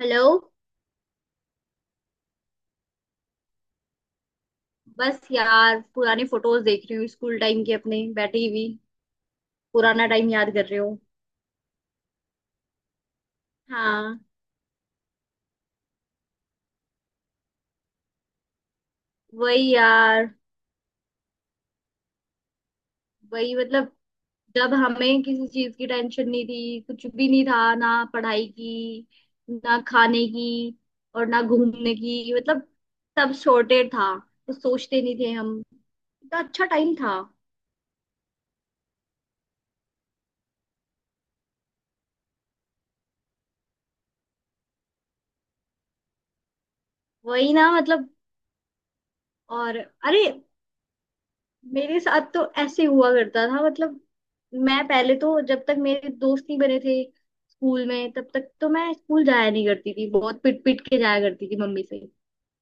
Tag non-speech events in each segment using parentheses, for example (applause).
Hello. बस यार पुरानी फोटोज देख रही हूँ स्कूल टाइम की अपने बैठी हुई। पुराना टाइम याद कर रही हूँ। हाँ। वही यार। वही मतलब। जब हमें किसी चीज की टेंशन नहीं थी, कुछ भी नहीं था ना, पढ़ाई की, ना खाने की और ना घूमने की, मतलब सब सॉर्टेड था। कुछ सोचते नहीं थे हम। इतना अच्छा टाइम था। वही ना मतलब। और अरे, मेरे साथ तो ऐसे हुआ करता था मतलब, मैं पहले तो जब तक मेरे दोस्त नहीं बने थे स्कूल में, तब तक तो मैं स्कूल जाया नहीं करती थी, बहुत पिट पिट के जाया करती थी मम्मी से।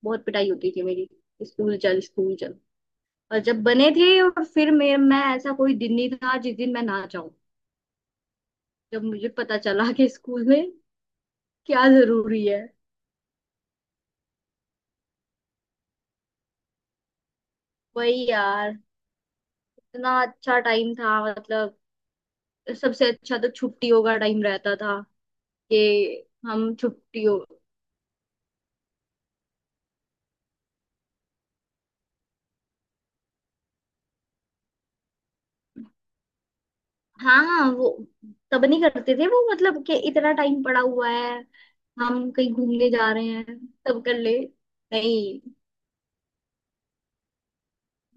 बहुत पिटाई होती थी मेरी। स्कूल चल, स्कूल चल। और जब बने थे और फिर मैं ऐसा कोई दिन नहीं था जिस दिन मैं ना जाऊं। जब मुझे पता चला कि स्कूल में क्या जरूरी है। वही यार। इतना अच्छा टाइम था मतलब। सबसे अच्छा तो छुट्टियों का टाइम रहता था। कि हम छुट्टियों। हाँ, वो तब नहीं करते थे वो मतलब कि इतना टाइम पड़ा हुआ है। हम कहीं घूमने जा रहे हैं। तब कर ले। नहीं।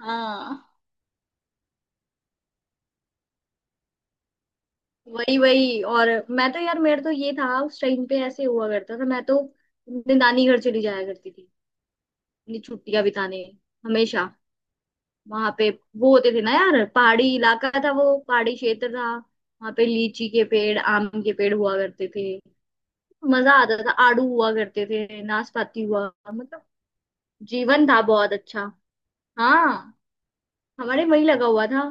हाँ। वही वही। और मैं तो यार, मेरा तो ये था उस टाइम पे, ऐसे हुआ करता था, मैं तो अपने नानी घर चली जाया करती थी। अपनी छुट्टियां बिताने। हमेशा। वहां पे वो होते थे ना यार, पहाड़ी इलाका था, वो पहाड़ी क्षेत्र था, वहां पे लीची के पेड़, आम के पेड़ हुआ करते थे। मजा आता था। आड़ू हुआ करते थे, नाशपाती हुआ। मतलब जीवन था बहुत अच्छा। हाँ। हमारे वही लगा हुआ था।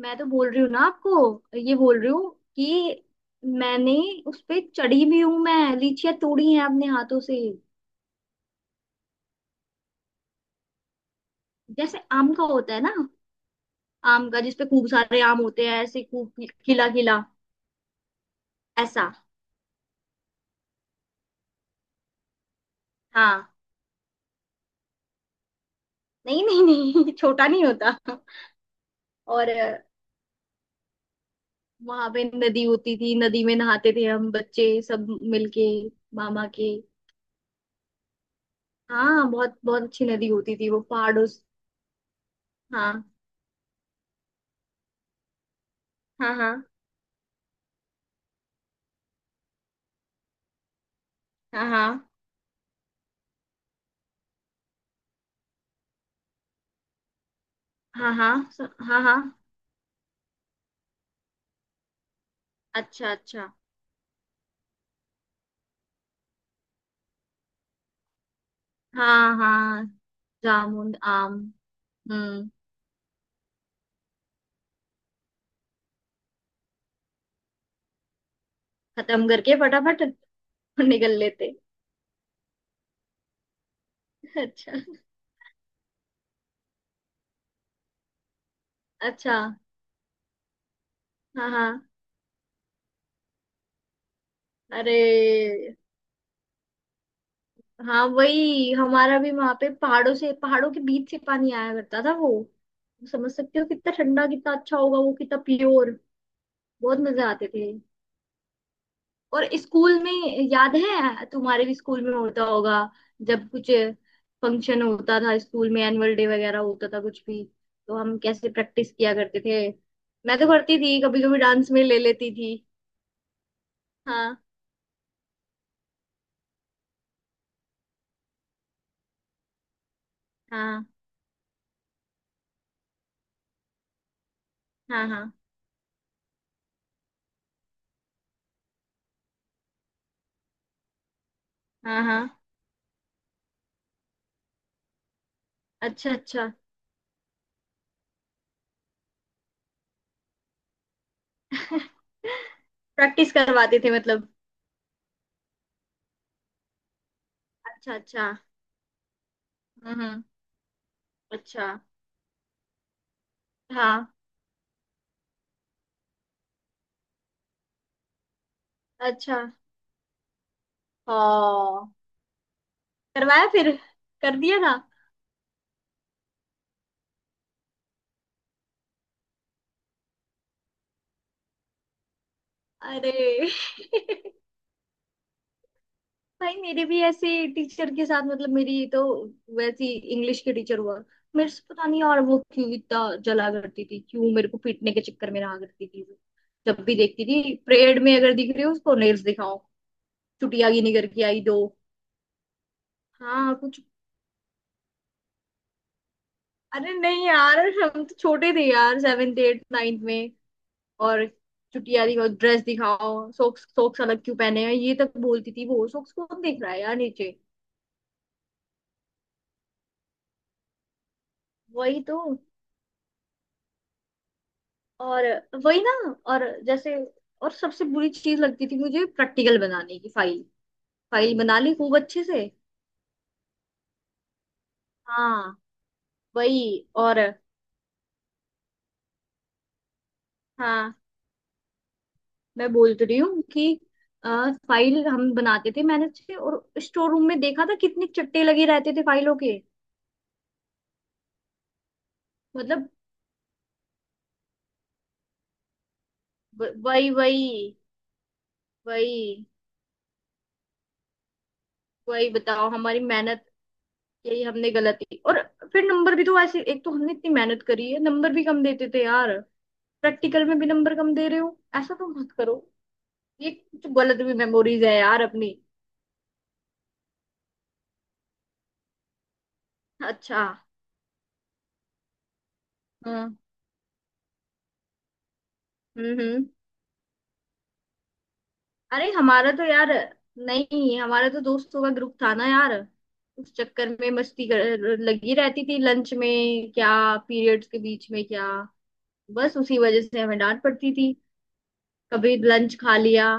मैं तो बोल रही हूँ ना आपको, ये बोल रही हूँ कि मैंने उस पे चढ़ी भी हूँ, मैं लीचियां तोड़ी हैं अपने हाथों से। जैसे आम का होता है ना, आम का जिसपे खूब सारे आम होते हैं ऐसे खूब खिला खिला। ऐसा। हाँ। नहीं, नहीं, नहीं, (laughs) छोटा नहीं होता। और वहां पे नदी होती थी, नदी में नहाते थे हम बच्चे सब मिलके। मामा के। हाँ। बहुत बहुत अच्छी नदी होती थी वो पहाड़ों से। हाँ, हाँ, हाँ, हाँ, हाँ, हाँ, हाँ, हाँ, हाँ। अच्छा, अच्छा। हाँ, हाँ। जामुन आम। हम्म। खत्म करके फटाफट (laughs) निकल लेते। अच्छा, अच्छा। हाँ, हाँ। अरे। हाँ, वही हमारा भी, वहां पे पहाड़ों से, पहाड़ों के बीच से पानी आया करता था वो। समझ सकते हो कितना ठंडा, कितना अच्छा होगा वो, कितना प्योर। बहुत मजे आते थे। और स्कूल में याद है, तुम्हारे भी स्कूल में होता होगा, जब कुछ फंक्शन होता था स्कूल में, एनुअल डे वगैरह होता था, कुछ भी तो हम कैसे प्रैक्टिस किया करते थे। मैं तो करती थी कभी कभी, डांस में ले लेती थी। हाँ, हाँ, हाँ, हाँ, हाँ, हाँ। अच्छा, अच्छा। (laughs) प्रैक्टिस करवाते थे मतलब। अच्छा, अच्छा। हम्म, हम्म। अच्छा। हाँ। अच्छा। हाँ। करवाया फिर। कर दिया था। अरे (laughs) भाई, मेरे भी ऐसे टीचर के साथ मतलब, मेरी तो वैसी इंग्लिश के टीचर हुआ, मेरे से पता नहीं यार वो क्यों इतना जला करती थी, क्यों मेरे को पीटने के चक्कर में रहा करती थी वो। जब भी देखती थी परेड में, अगर दिख रही हो उसको, नेल्स दिखाओ, चुटियागी निकर के आई, दो। हाँ, कुछ। अरे नहीं यार, हम तो छोटे थे यार, सेवेंथ, एट, नाइन्थ में। और चुटिया दिखाओ, ड्रेस दिखाओ, सॉक्स, सॉक्स अलग क्यों पहने हैं, ये तक बोलती थी वो। सॉक्स कौन देख रहा है यार नीचे। वही तो। और वही ना। और जैसे और सबसे बुरी चीज लगती थी मुझे, प्रैक्टिकल बनाने की फाइल। फाइल बना ली खूब अच्छे से। हाँ। वही। और। हाँ। मैं बोल तो रही हूँ कि अ, फाइल हम बनाते थे मैनेज से, और स्टोर रूम में देखा था कितने चट्टे लगे रहते थे फाइलों के। मतलब वही वही। वही वही बताओ, हमारी मेहनत। यही हमने गलती। और फिर नंबर भी तो ऐसे, एक तो हमने इतनी मेहनत करी है, नंबर भी कम देते थे यार। प्रैक्टिकल में भी नंबर कम दे रहे हो, ऐसा तो मत करो। ये कुछ गलत भी मेमोरीज है यार अपनी। अच्छा। हाँ। हम्म, हम्म। अरे हमारा तो यार, नहीं हमारा तो दोस्तों का ग्रुप था ना यार, उस चक्कर में मस्ती कर लगी रहती थी लंच में, क्या पीरियड्स के बीच में, क्या बस उसी वजह से हमें डांट पड़ती थी। कभी लंच खा लिया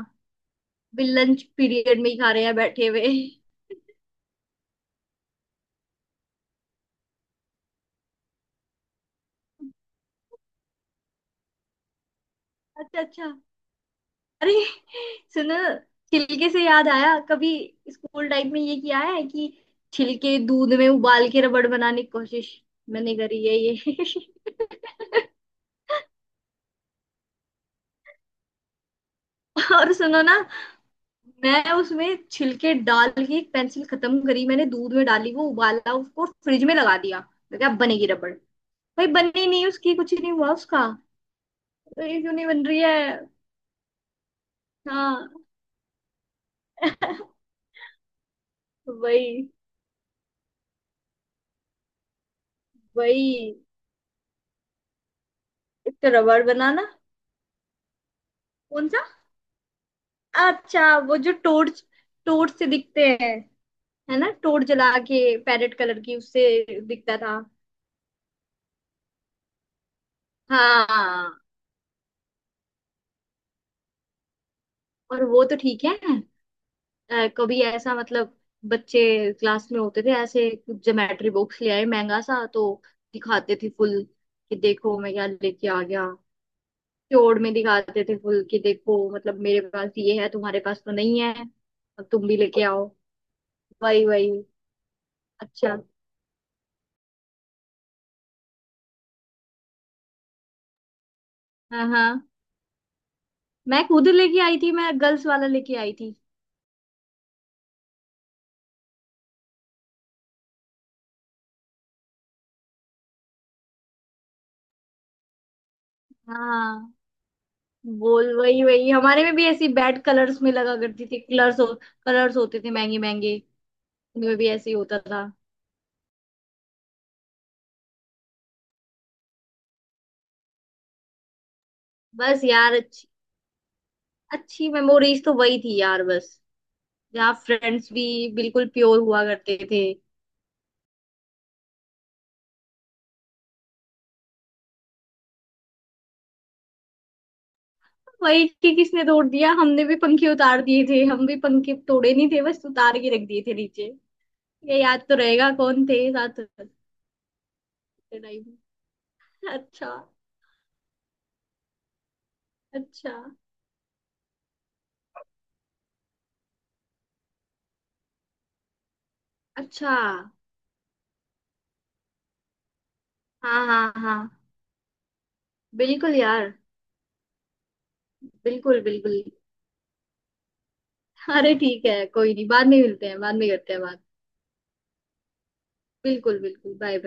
भी लंच पीरियड में ही खा रहे हैं बैठे हुए। (laughs) अच्छा, अच्छा। अरे सुनो, छिलके से याद आया, कभी स्कूल टाइम में ये किया है कि छिलके दूध में उबाल के रबड़ बनाने की कोशिश? मैंने करी है ये। (laughs) और सुनो ना, मैं उसमें छिलके डाल के एक पेंसिल खत्म करी, मैंने दूध में डाली, वो उबाला, उसको फ्रिज में लगा दिया। मैं क्या बनेगी रबड़। भाई, बनी नहीं, उसकी कुछ नहीं हुआ उसका। ये क्यों नहीं बन रही है? हाँ। (laughs) वही वही। एक तो रबड़ बनाना। कौन सा? अच्छा, वो जो टोर्च, टोर्च से दिखते हैं, है ना, टोर्च जला के, पैरेट कलर की, उससे दिखता था। हाँ। और वो तो ठीक है। कभी ऐसा मतलब बच्चे क्लास में होते थे ऐसे, ज्योमेट्री बॉक्स ले आए महंगा सा, तो दिखाते थे फुल कि देखो मैं क्या लेके आ गया। चोर में दिखाते थे फुल कि देखो, मतलब मेरे पास ये है, तुम्हारे पास तो नहीं है, अब तुम भी लेके आओ। वही वही। अच्छा। हाँ, हाँ। मैं खुद लेके आई थी, मैं गर्ल्स वाला लेके आई थी। हाँ। बोल वही वही, हमारे में भी ऐसी बैड कलर्स में लगा करती थी, कलर्स होते थे महंगे महंगे। उनमें भी ऐसे ही होता था। बस यार, अच्छी अच्छी मेमोरीज तो वही थी यार बस। जहाँ फ्रेंड्स भी बिल्कुल प्योर हुआ करते थे। वही कि किसने तोड़ दिया, हमने भी पंखे उतार दिए थे, हम भी पंखे तोड़े नहीं थे, बस उतार के रख दिए थे नीचे। ये याद तो रहेगा कौन थे साथ। टाइम। अच्छा, अच्छा। अच्छा। हाँ, हाँ, हाँ। बिल्कुल यार। बिल्कुल बिल्कुल। अरे ठीक है, कोई नहीं, बाद में मिलते हैं, बाद में करते हैं बात। बिल्कुल बिल्कुल, बाय बाय।